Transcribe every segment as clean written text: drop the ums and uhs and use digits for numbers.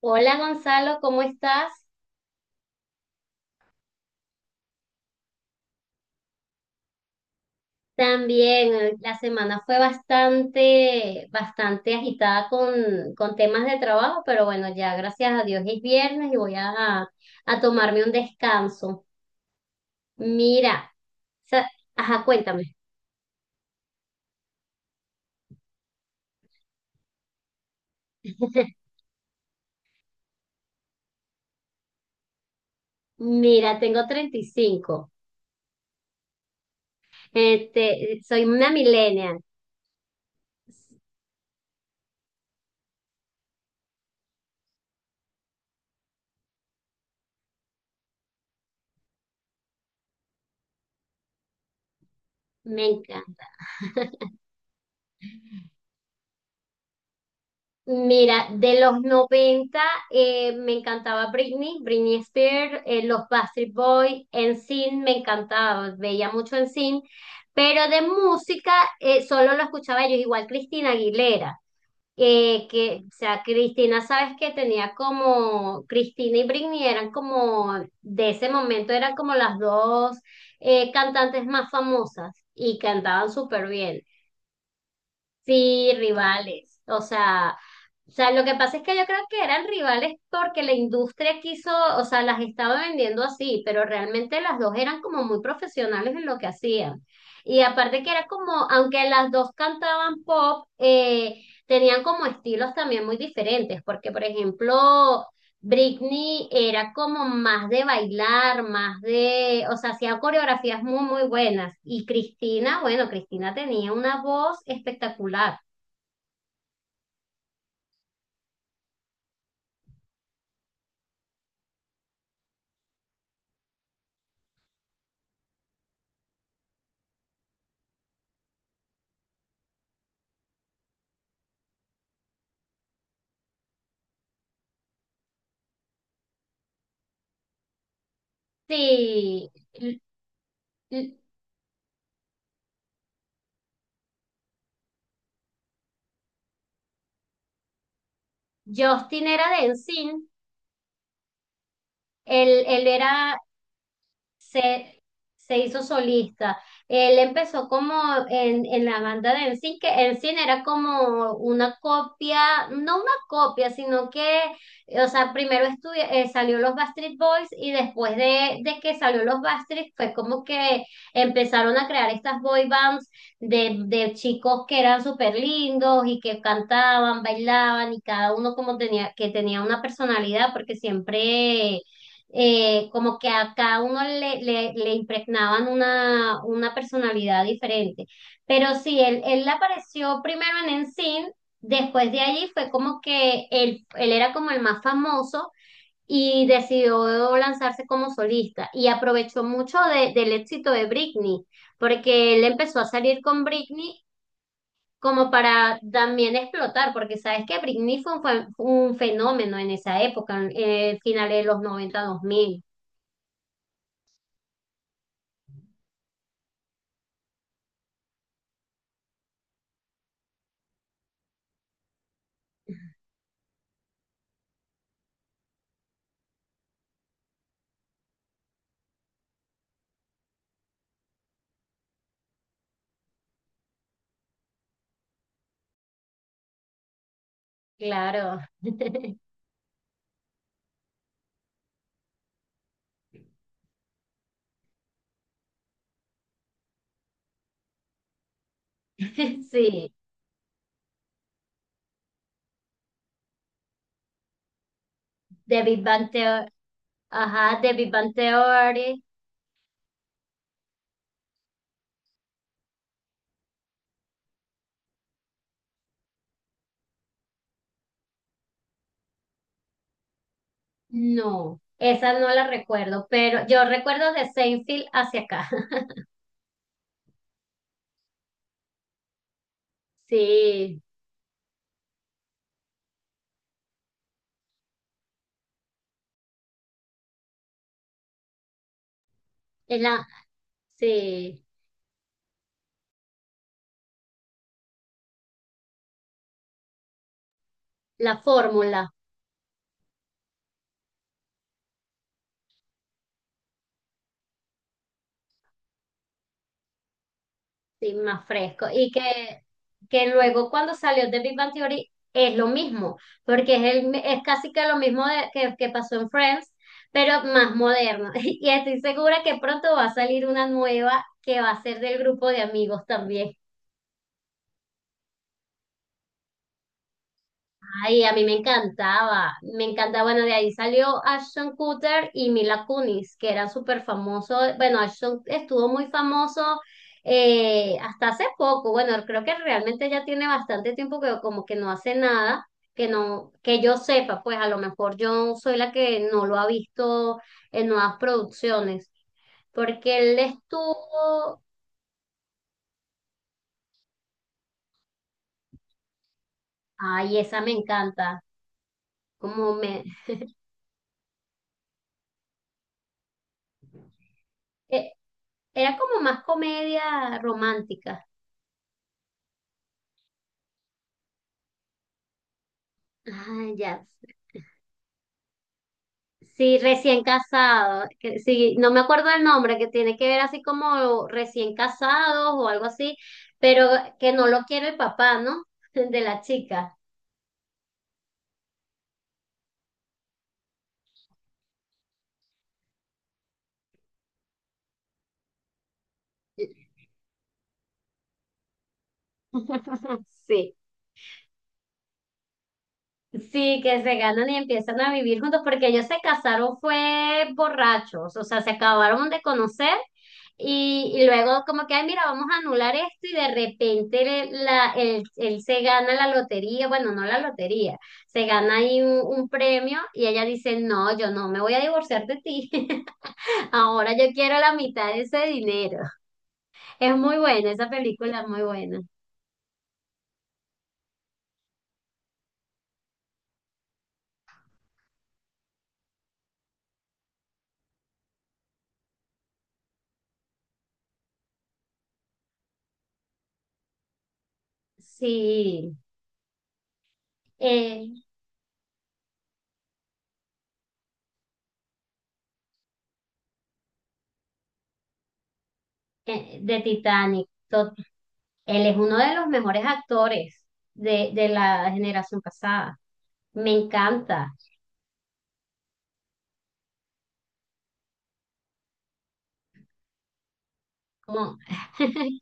Hola Gonzalo, ¿cómo estás? También la semana fue bastante agitada con temas de trabajo, pero bueno, ya gracias a Dios es viernes y voy a tomarme un descanso. Mira, sa- ajá, cuéntame. Mira, tengo 35. Este, soy una millennial. Me encanta. Mira, de los 90, me encantaba Britney Spears, los Backstreet Boys, Sin me encantaba, veía mucho Sin, pero de música solo lo escuchaba ellos, igual Cristina Aguilera, que, o sea, Cristina, sabes que tenía como, Cristina y Britney eran como, de ese momento eran como las dos cantantes más famosas y cantaban súper bien. Sí, rivales. O sea, lo que pasa es que yo creo que eran rivales porque la industria quiso, o sea, las estaba vendiendo así, pero realmente las dos eran como muy profesionales en lo que hacían. Y aparte que era como, aunque las dos cantaban pop, tenían como estilos también muy diferentes, porque por ejemplo, Britney era como más de bailar, más de, o sea, hacía coreografías muy buenas. Y Cristina, bueno, Cristina tenía una voz espectacular. Sí, l- Justin era de NSYNC, él era se, se hizo solista. Él empezó como en la banda de Ensign, que Ensign era como una copia, no una copia, sino que, o sea, salió los Backstreet Boys y después de que salió los Backstreet fue como que empezaron a crear estas boy bands de chicos que eran súper lindos y que cantaban, bailaban y cada uno como tenía, que tenía una personalidad porque siempre como que a cada uno le impregnaban una personalidad diferente. Pero sí, él apareció primero en Ensign, después de allí fue como que él era como el más famoso y decidió lanzarse como solista y aprovechó mucho del éxito de Britney, porque él empezó a salir con Britney. Como para también explotar, porque sabes que Britney fue un fenómeno en esa época, en, finales de los noventa, dos mil. Claro, sí. The Big Bang Theory, ajá, The Big Bang Theory, no, esa no la recuerdo, pero yo recuerdo de Seinfeld hacia acá. Sí, es la, sí, la fórmula. Sí, más fresco. Y que luego cuando salió The Big Bang Theory es lo mismo, porque es, el, es casi que lo mismo que pasó en Friends, pero más moderno. Y estoy segura que pronto va a salir una nueva que va a ser del grupo de amigos también. Ay, a mí me encantaba, me encanta, bueno, de ahí salió Ashton Kutcher y Mila Kunis, que era súper famoso, bueno, Ashton estuvo muy famoso hasta hace poco, bueno, creo que realmente ya tiene bastante tiempo que como que no hace nada, que no, que yo sepa, pues a lo mejor yo soy la que no lo ha visto en nuevas producciones, porque él estuvo, ay, esa me encanta, como me, eh, era como más comedia romántica. Ah, ya. Sí, recién casado. Que sí, no me acuerdo el nombre, que tiene que ver así como recién casados o algo así, pero que no lo quiere el papá, ¿no? De la chica. Sí, sí, que se ganan y empiezan a vivir juntos, porque ellos se casaron fue borrachos, o sea, se acabaron de conocer y luego como que, ay, mira, vamos a anular esto y de repente él se gana la lotería, bueno, no la lotería, se gana ahí un premio y ella dice, no, yo no me voy a divorciar de ti, ahora yo quiero la mitad de ese dinero. Es muy buena, esa película es muy buena. Sí. Eh, de Titanic. Él es uno de los mejores actores de la generación pasada. Me encanta. Como,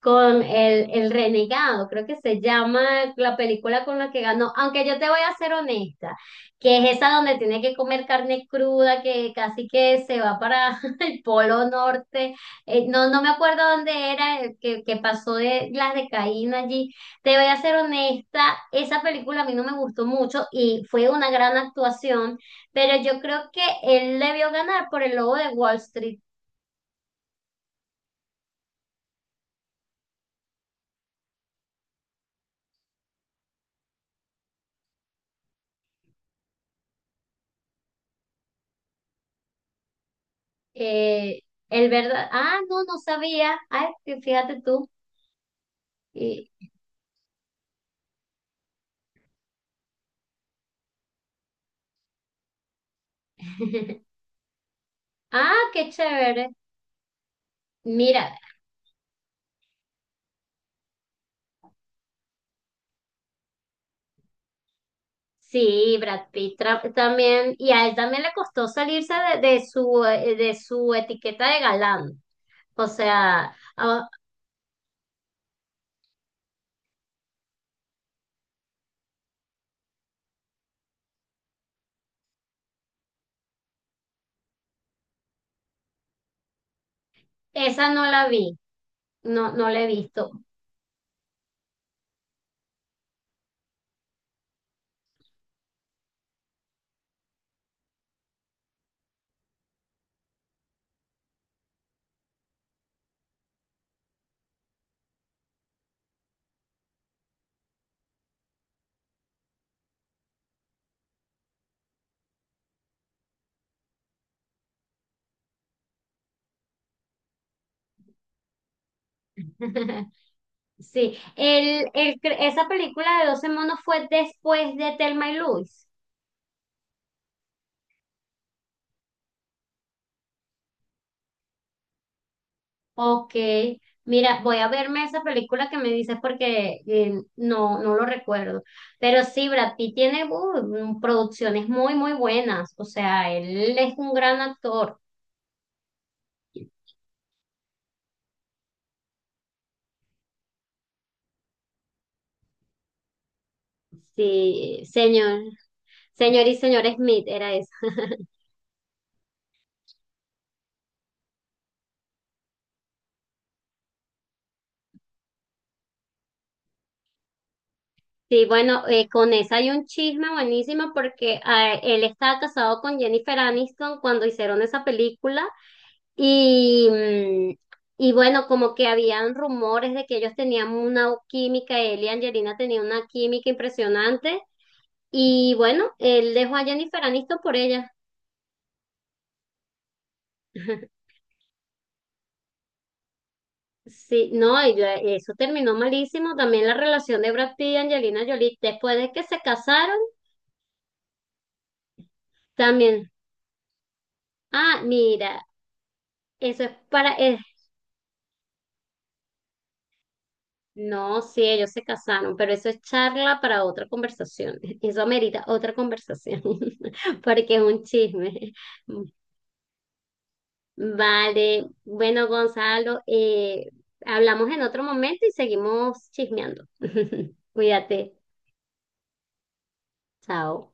con el renegado, creo que se llama la película con la que ganó, aunque yo te voy a ser honesta, que es esa donde tiene que comer carne cruda, que casi que se va para el polo norte. No, no me acuerdo dónde era, que pasó de las de Caín allí, te voy a ser honesta, esa película a mí no me gustó mucho y fue una gran actuación, pero yo creo que él debió ganar por el lobo de Wall Street. Eh, ah, no, no sabía. Ay, fíjate tú. Y- Ah, qué chévere. Mira, sí, también, y a él también le costó salirse de su, de su etiqueta de galán. O sea, ah, esa no la vi, no, no la he visto. Sí, esa película de Doce monos fue después de Thelma y Luis. Ok, mira, voy a verme esa película que me dices porque no, no lo recuerdo. Pero sí, Brad Pitt tiene producciones muy buenas. O sea, él es un gran actor. Sí, señor y señor Smith era esa. Sí, bueno, con esa hay un chisme buenísimo porque ah, él estaba casado con Jennifer Aniston cuando hicieron esa película. Y, mm, y bueno, como que habían rumores de que ellos tenían una química, él y Angelina tenían una química impresionante. Y bueno, él dejó a Jennifer Aniston por ella. Sí, no, y yo- eso terminó malísimo. También la relación de Brad Pitt y Angelina Jolie, después de que se casaron, también. Ah, mira, eso es para, es no, sí, ellos se casaron, pero eso es charla para otra conversación. Eso amerita otra conversación, porque es un chisme. Vale, bueno, Gonzalo, hablamos en otro momento y seguimos chismeando. Cuídate, chao.